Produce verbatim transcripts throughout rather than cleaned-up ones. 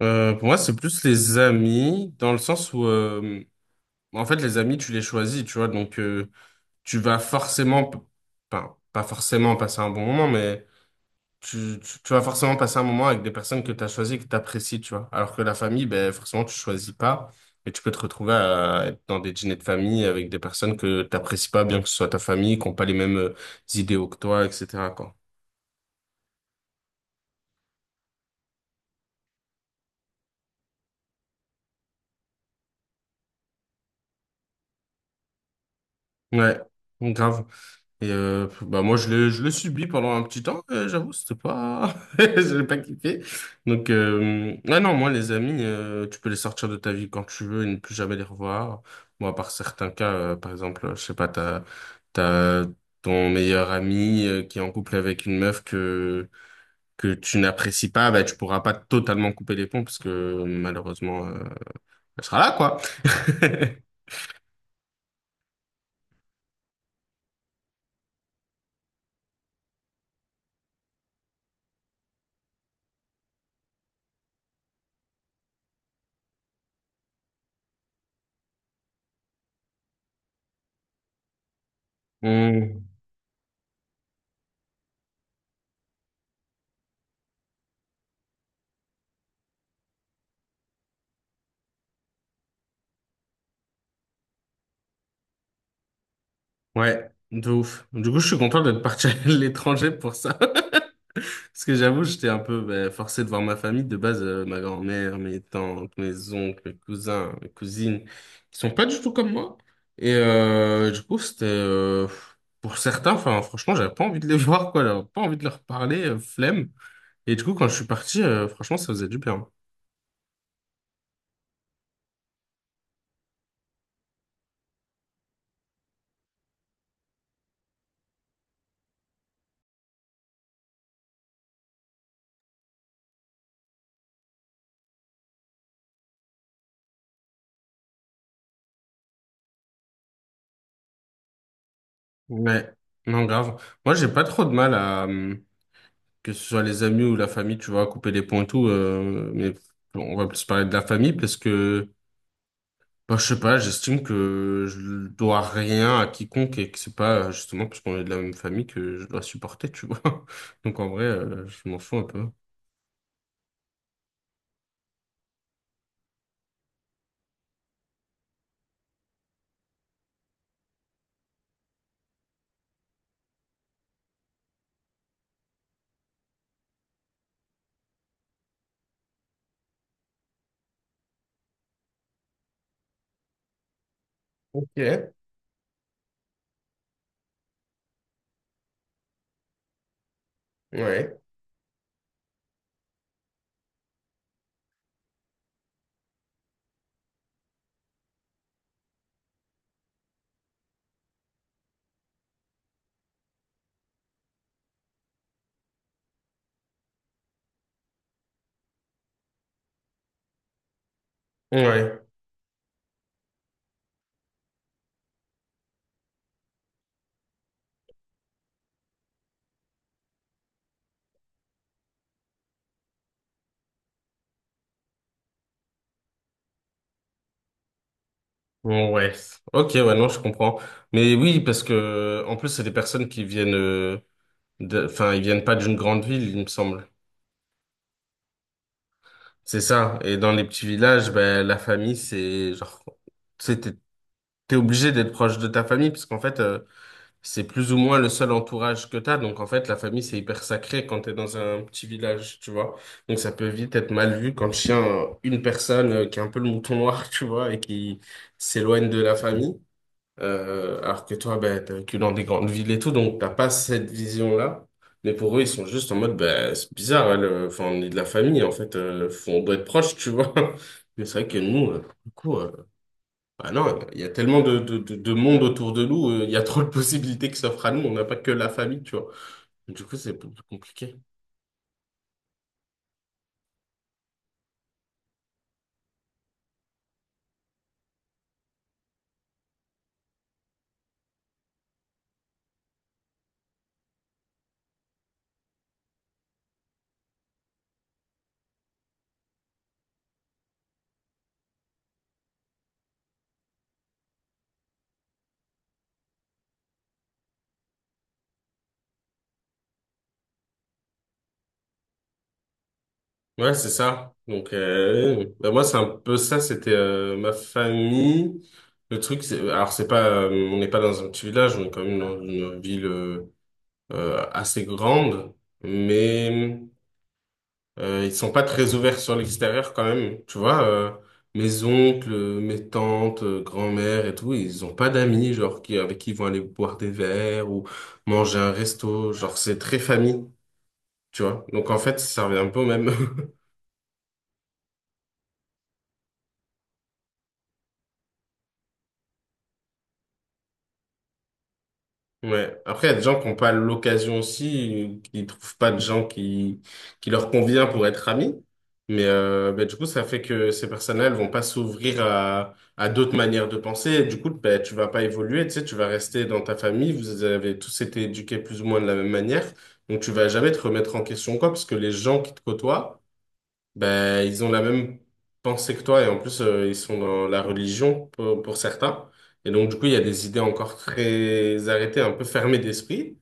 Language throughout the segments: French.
Euh, pour moi, c'est plus les amis, dans le sens où, euh, en fait, les amis, tu les choisis, tu vois, donc euh, tu vas forcément, p- enfin, pas forcément passer un bon moment, mais tu, tu, tu vas forcément passer un moment avec des personnes que tu as choisies, que tu apprécies, tu vois. Alors que la famille, ben, forcément, tu choisis pas, et tu peux te retrouver à être dans des dîners de famille avec des personnes que tu n'apprécies pas, bien que ce soit ta famille, qui n'ont pas les mêmes euh, idéaux que toi, et cetera, quoi. Ouais, grave. Et euh, bah moi je l'ai je l'ai subi pendant un petit temps, euh, j'avoue, c'était pas j'ai pas kiffé. Donc euh, ah non, moi les amis, euh, tu peux les sortir de ta vie quand tu veux et ne plus jamais les revoir. Moi, par certains cas, euh, par exemple, je sais pas, t'as t'as ton meilleur ami euh, qui est en couple avec une meuf que que tu n'apprécies pas, bah tu pourras pas totalement couper les ponts parce que malheureusement euh, elle sera là quoi. Hmm. Ouais, de ouf. Du coup, je suis content d'être parti à l'étranger pour ça. Parce que j'avoue, j'étais un peu ben, forcé de voir ma famille. De base, euh, ma grand-mère, mes tantes, mes oncles, mes cousins, mes cousines, qui sont pas du tout comme moi. Et euh, du coup, c'était... euh, pour certains, enfin, franchement, j'avais pas envie de les voir, quoi. J'avais pas envie de leur parler, euh, flemme. Et du coup, quand je suis parti, euh, franchement, ça faisait du bien. Ouais, non, grave. Moi, j'ai pas trop de mal à hum, que ce soit les amis ou la famille, tu vois, couper les ponts et tout. Euh, mais bon, on va plus parler de la famille parce que... Bah, je sais pas, j'estime que je dois rien à quiconque et que c'est pas euh, justement parce qu'on est de la même famille que je dois supporter, tu vois. Donc en vrai, euh, je m'en fous un peu. Ok, ouais. Ouais. Ouais. Ok, ouais, non, je comprends. Mais oui, parce que en plus, c'est des personnes qui viennent euh, de... enfin, ils viennent pas d'une grande ville, il me semble. C'est ça. Et dans les petits villages, ben la famille, c'est genre, c'est- t'es t'es obligé d'être proche de ta famille parce qu'en fait, euh, c'est plus ou moins le seul entourage que t'as. Donc, en fait, la famille, c'est hyper sacré quand t'es dans un petit village, tu vois. Donc, ça peut vite être mal vu quand le chien, euh, une personne euh, qui est un peu le mouton noir, tu vois, et qui s'éloigne de la famille. Euh, alors que toi, ben, t'es que dans des grandes villes et tout, donc t'as pas cette vision-là. Mais pour eux, ils sont juste en mode, ben, c'est bizarre, elle, euh, enfin, on est de la famille, en fait, euh, faut- on doit être proche, tu vois. Mais c'est vrai que nous, euh, pour le coup, euh, bah non, il y a tellement de, de, de, de monde autour de nous, euh, il y a trop de possibilités qui s'offrent à nous, on n'a pas que la famille, tu vois. Du coup, c'est plus compliqué. Ouais, c'est ça. Donc, euh, bah, moi, c'est un peu ça, c'était euh, ma famille. Le truc, c'est, alors, c'est pas, euh, on n'est pas dans un petit village, on est quand même dans une ville euh, euh, assez grande, mais. Euh, ils sont pas très ouverts sur l'extérieur quand même, tu vois. Euh, mes oncles, euh, mes tantes, euh, grand-mère et tout, ils ont pas d'amis, genre, qui, avec qui ils vont aller boire des verres ou manger un resto. Genre, c'est très famille, tu vois. Donc, en fait, ça revient un peu au même. Ouais. Après, il y a des gens qui n'ont pas l'occasion aussi, qui ne trouvent pas de gens qui, qui leur convient pour être amis. Mais euh, ben, du coup, ça fait que ces personnes-là, elles vont pas s'ouvrir à, à d'autres manières de penser. Et du coup, ben, tu vas pas évoluer, tu sais, tu vas rester dans ta famille. Vous avez tous été éduqués plus ou moins de la même manière. Donc, tu vas jamais te remettre en question, quoi, parce que les gens qui te côtoient, ben, ils ont la même pensée que toi et en plus euh, ils sont dans la religion pour, pour certains. Et donc du coup il y a des idées encore très arrêtées, un peu fermées d'esprit.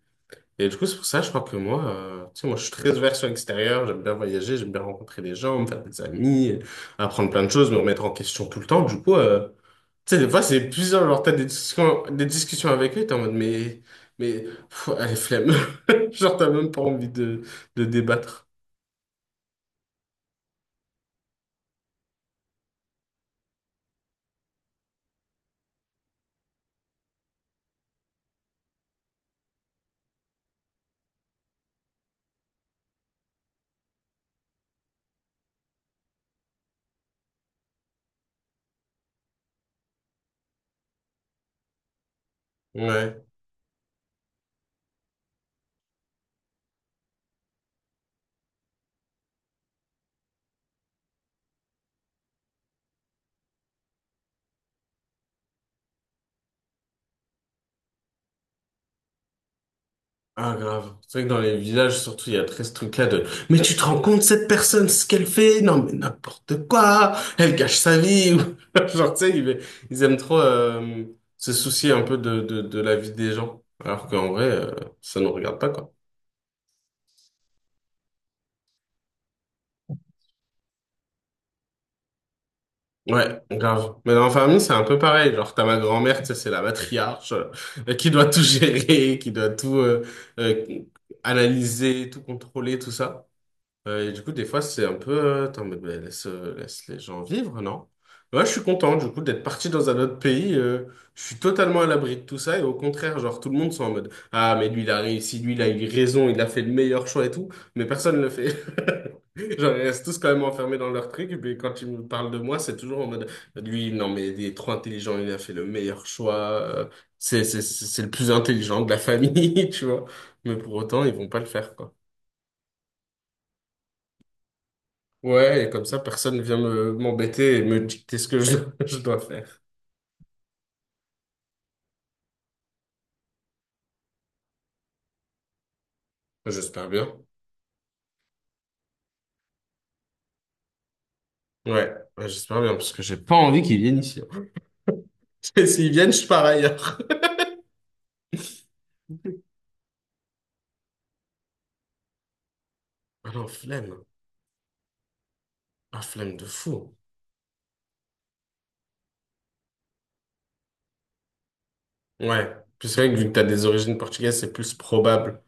Et du coup c'est pour ça je crois que moi, euh, tu sais moi je suis très ouvert sur l'extérieur, j'aime bien voyager, j'aime bien rencontrer des gens, me faire des amis, apprendre plein de choses, me remettre en question tout le temps. Du coup euh, tu sais des fois c'est plusieurs genre t'as des discussions, des discussions avec eux, t'es en mode mais mais pff, allez flemme, genre t'as même pas envie de de débattre. Ouais. Ah, grave. C'est vrai que dans les villages, surtout, il y a très ce truc-là de, mais tu te rends compte, cette personne, ce qu'elle fait? Non, mais n'importe quoi! Elle gâche sa vie! Ou- Genre, tu sais, ils, ils aiment trop, euh, se soucier un peu de, de, de la vie des gens. Alors qu'en vrai, euh, ça nous regarde pas, quoi. Ouais, grave. Mais dans la famille, c'est un peu pareil. Genre, t'as ma grand-mère, tu sais, c'est la matriarche, euh, qui doit tout gérer, qui doit tout, euh, euh, analyser, tout contrôler, tout ça. Euh, et du coup, des fois, c'est un peu... euh, Attends, mais, mais laisse, euh, laisse les gens vivre, non? Moi, je suis content, du coup, d'être parti dans un autre pays. Euh, je suis totalement à l'abri de tout ça. Et au contraire, genre, tout le monde sont en mode, «Ah, mais lui, il a réussi, lui, il a eu raison, il a fait le meilleur choix et tout. Mais personne ne le fait. Genre, ils restent tous quand même enfermés dans leur truc. Et puis, quand ils me parlent de moi, c'est toujours en mode, lui, non, mais il est trop intelligent, il a fait le meilleur choix. euh, C'est, c'est, c'est c'est le plus intelligent de la famille, tu vois. Mais pour autant, ils vont pas le faire, quoi. Ouais, et comme ça, personne ne vient me m'embêter et me dicter ce que je, je dois faire. J'espère bien. Ouais, ouais, j'espère bien, parce que j'ai pas envie qu'ils viennent ici. Et s'ils viennent, je pars ailleurs. Ah non, flemme. Ah, flemme de fou. Ouais. Puis c'est vrai que vu que t'as des origines portugaises, c'est plus probable.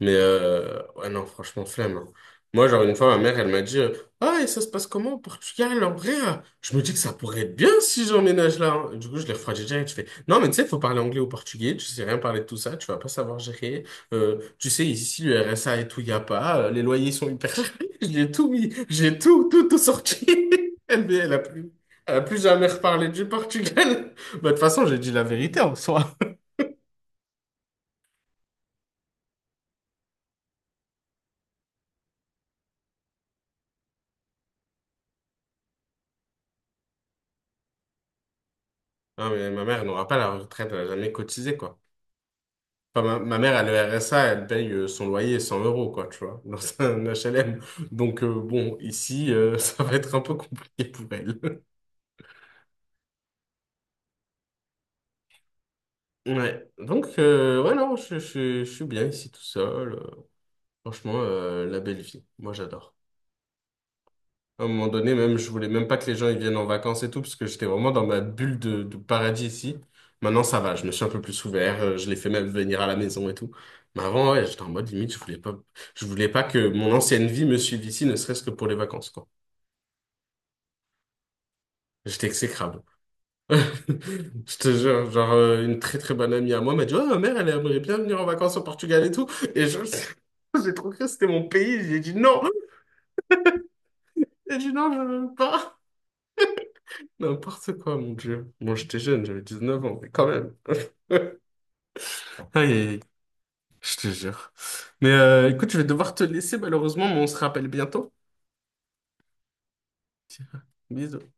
Mais euh, ouais, non, franchement, flemme, hein. Moi, genre, une fois, ma mère, elle m'a dit, euh, Ah, et ça se passe comment au Portugal, en vrai? euh, Je me dis que ça pourrait être bien si j'emménage là, hein. Du coup, je l'ai refroidi direct. Je fais, non, mais tu sais, il faut parler anglais ou portugais. Tu sais rien parler de tout ça. Tu vas pas savoir gérer. Euh, tu sais, ici, le R S A et tout, il y a pas. Euh, les loyers sont hyper chers. J'ai tout mis. J'ai tout, tout, tout sorti. Elle, mais elle a plus, elle a plus jamais reparlé du Portugal. Bah, de toute façon, j'ai dit la vérité en soi. Ah, mais ma mère elle n'aura pas la retraite. Elle a jamais cotisé, quoi. Enfin, ma, ma mère, elle a le R S A, elle paye euh, son loyer cent euros, quoi, tu vois, dans un H L M. Donc, euh, bon, ici, euh, ça va être un peu compliqué pour elle. Ouais, donc, euh, ouais, non, je, je- je suis bien ici tout seul. Euh, Franchement, euh, la belle vie. Moi, j'adore. À un moment donné, même, je voulais même pas que les gens ils viennent en vacances et tout, parce que j'étais vraiment dans ma bulle de, de paradis ici. Maintenant, ça va, je me suis un peu plus ouvert, euh, je les fais même venir à la maison et tout. Mais avant, ouais, j'étais en mode limite, je voulais pas, je voulais pas que mon ancienne vie me suive ici, ne serait-ce que pour les vacances, quoi. J'étais exécrable. Je te jure, genre, euh, une très très bonne amie à moi m'a dit, oh, ma mère, elle aimerait bien venir en vacances au Portugal et tout. Et je, j'ai trop cru que c'était mon pays, j'ai dit non, j'ai dit non, je veux pas. N'importe quoi, mon Dieu. Moi, j'étais jeune, j'avais dix-neuf ans, mais quand même. Aïe, aïe, aïe, je te jure. Mais euh, écoute, je vais devoir te laisser, malheureusement, mais on se rappelle bientôt. Bisous.